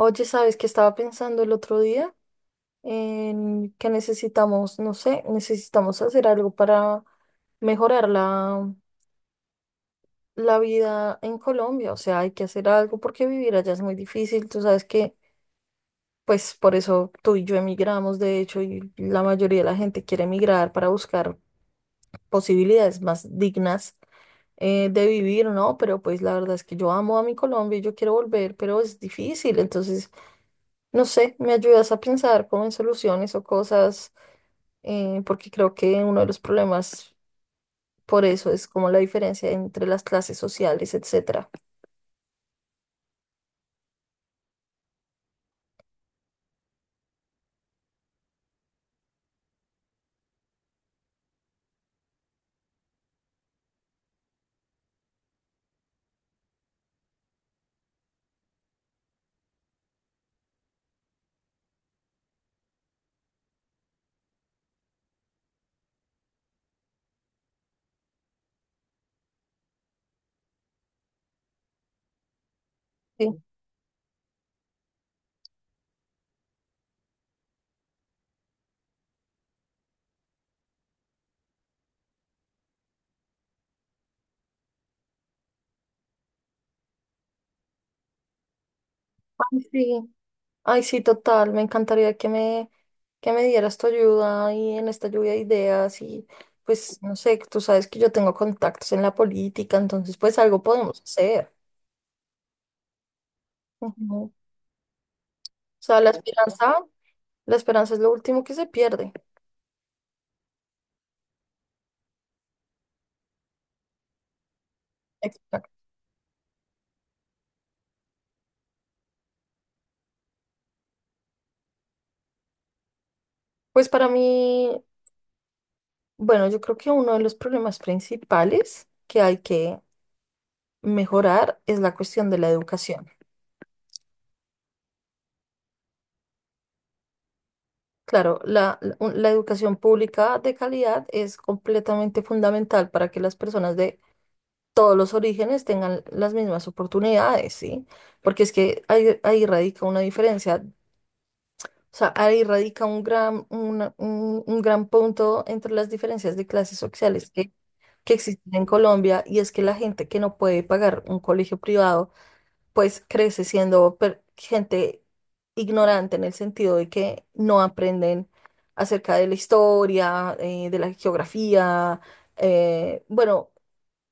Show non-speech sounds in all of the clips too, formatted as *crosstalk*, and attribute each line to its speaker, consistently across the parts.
Speaker 1: Oye, ¿sabes qué estaba pensando el otro día? En que necesitamos, no sé, necesitamos hacer algo para mejorar la vida en Colombia. O sea, hay que hacer algo porque vivir allá es muy difícil. Tú sabes que, pues por eso tú y yo emigramos, de hecho, y la mayoría de la gente quiere emigrar para buscar posibilidades más dignas de vivir, ¿no? Pero pues la verdad es que yo amo a mi Colombia y yo quiero volver, pero es difícil. Entonces, no sé, me ayudas a pensar como en soluciones o cosas, porque creo que uno de los problemas por eso es como la diferencia entre las clases sociales, etcétera. Sí. Ay, sí. Ay, sí, total, me encantaría que me dieras tu ayuda y en esta lluvia de ideas y pues no sé, tú sabes que yo tengo contactos en la política, entonces pues algo podemos hacer. Ujú. O sea, la esperanza es lo último que se pierde. Pues para mí, bueno, yo creo que uno de los problemas principales que hay que mejorar es la cuestión de la educación. Claro, la educación pública de calidad es completamente fundamental para que las personas de todos los orígenes tengan las mismas oportunidades, ¿sí? Porque es que ahí radica una diferencia, o sea, ahí radica un gran punto entre las diferencias de clases sociales que existen en Colombia y es que la gente que no puede pagar un colegio privado, pues crece siendo gente ignorante en el sentido de que no aprenden acerca de la historia, de la geografía, eh, bueno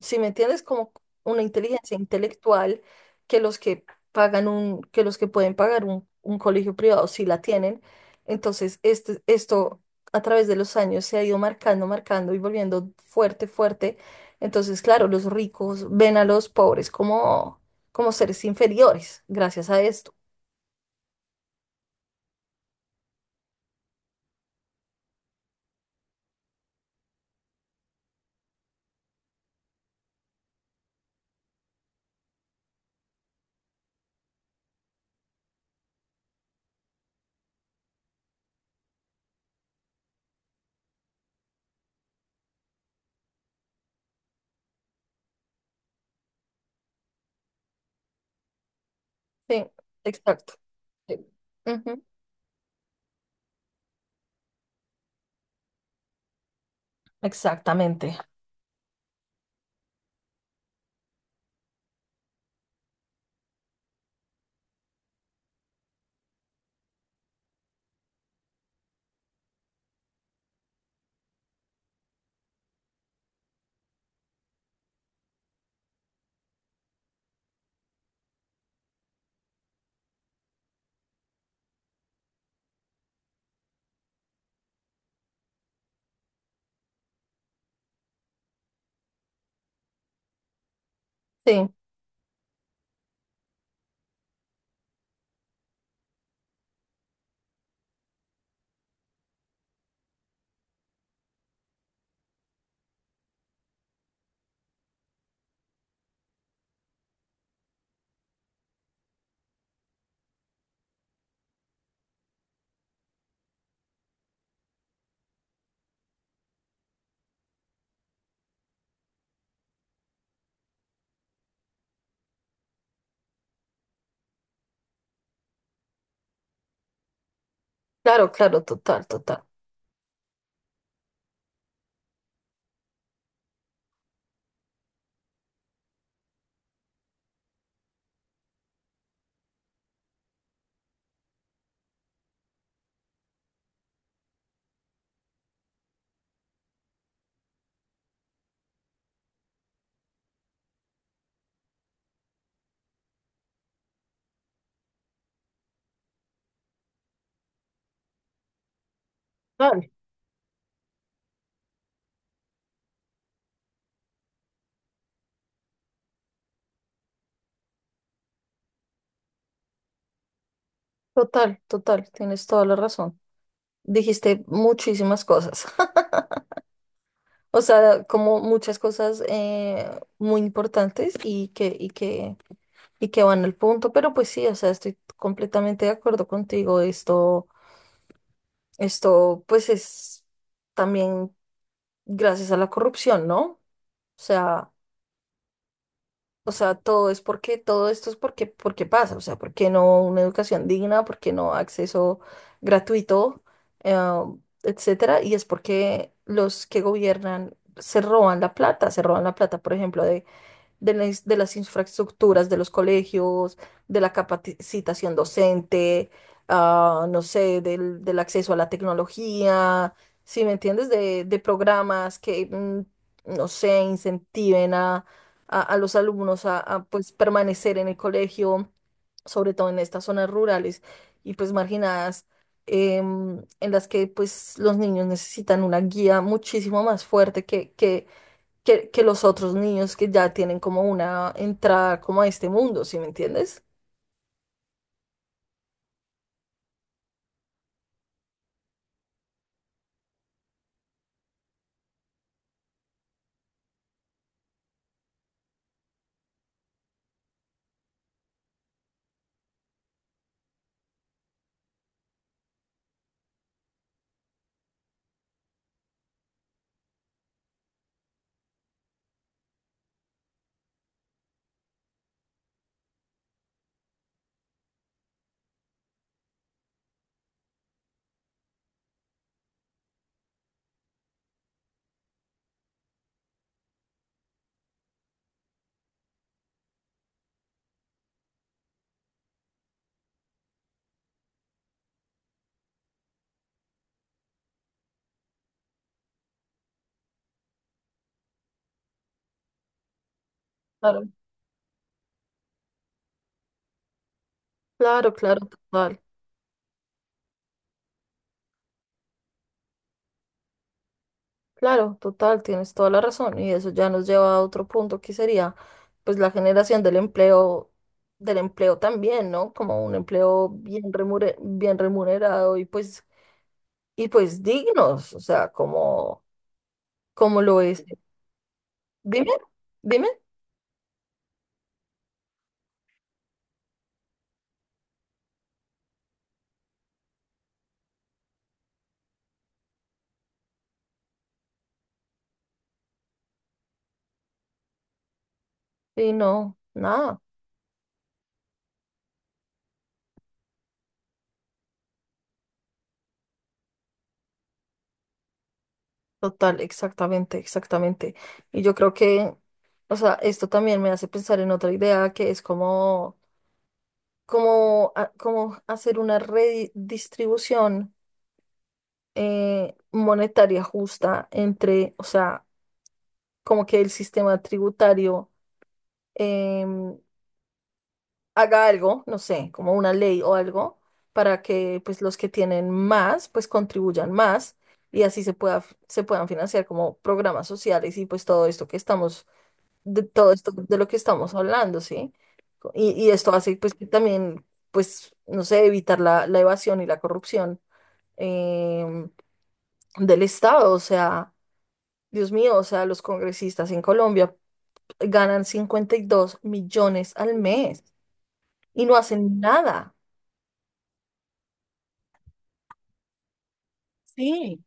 Speaker 1: si me entiendes, como una inteligencia intelectual que los que pagan un, que los que pueden un colegio privado sí la tienen. Entonces, este, esto a través de los años se ha ido marcando, marcando y volviendo fuerte, fuerte. Entonces, claro, los ricos ven a los pobres como, como seres inferiores gracias a esto. Sí, exacto. Sí. Ujú. Exactamente. Sí, claro, claro, total, total. Total, total, total. Tienes toda la razón. Dijiste muchísimas cosas, *laughs* o sea, como muchas cosas muy importantes y que van al punto, pero pues sí, o sea, estoy completamente de acuerdo contigo, esto pues es también gracias a la corrupción, ¿no? O sea, O sea, todo es todo esto es porque, porque pasa, o sea, porque no una educación digna, porque no acceso gratuito, eh, etcétera, y es porque los que gobiernan se roban la plata, se roban la plata, por ejemplo, de de las infraestructuras de los colegios, de la capacitación docente, no sé, del acceso a la tecnología, si me entiendes, de programas que, no sé, incentiven a los alumnos a, pues, permanecer en el colegio, sobre todo en estas zonas rurales y pues marginadas. Em, en las que pues los niños necesitan una guía muchísimo más fuerte que los otros niños que ya tienen como una entrada como a este mundo, ¿sí me entiendes? Claro. Claro, claro, total. Claro, total, tienes toda la razón. Y eso ya nos lleva a otro punto que sería, pues, la generación del empleo también, ¿no? Como un empleo bien remunerado y pues dignos, o sea, como, como lo es. Dime, dime. Y no, nada. Total, exactamente, exactamente. Y yo creo que, o sea, esto también me hace pensar en otra idea que es como, como hacer una redistribución monetaria justa entre, o sea, como que el sistema tributario em, haga algo, no sé, como una ley o algo, para que pues los que tienen más, pues contribuyan más y así se pueda, se puedan financiar como programas sociales y pues todo esto que estamos de todo esto de lo que estamos hablando, ¿sí? Y esto hace pues que también, pues, no sé, evitar la evasión y la corrupción em, del Estado. O sea, Dios mío, o sea, los congresistas en Colombia ganan 52 millones al mes y no hacen nada. Sí,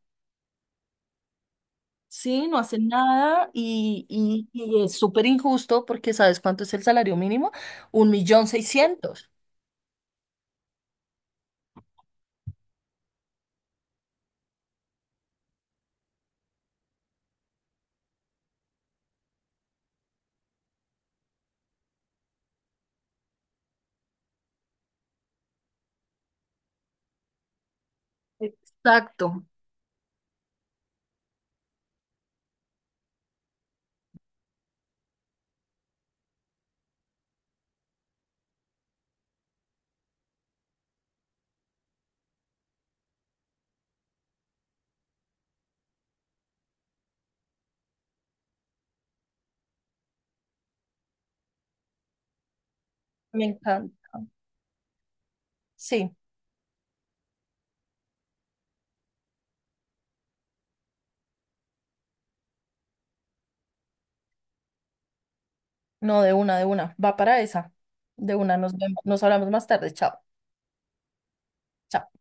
Speaker 1: sí, no hacen nada y es súper injusto porque ¿sabes cuánto es el salario mínimo? 1 millón 600. Exacto. Me encanta. Sí. No, de una, de una. Va para esa. De una, nos vemos. Nos hablamos más tarde. Chao. Chao.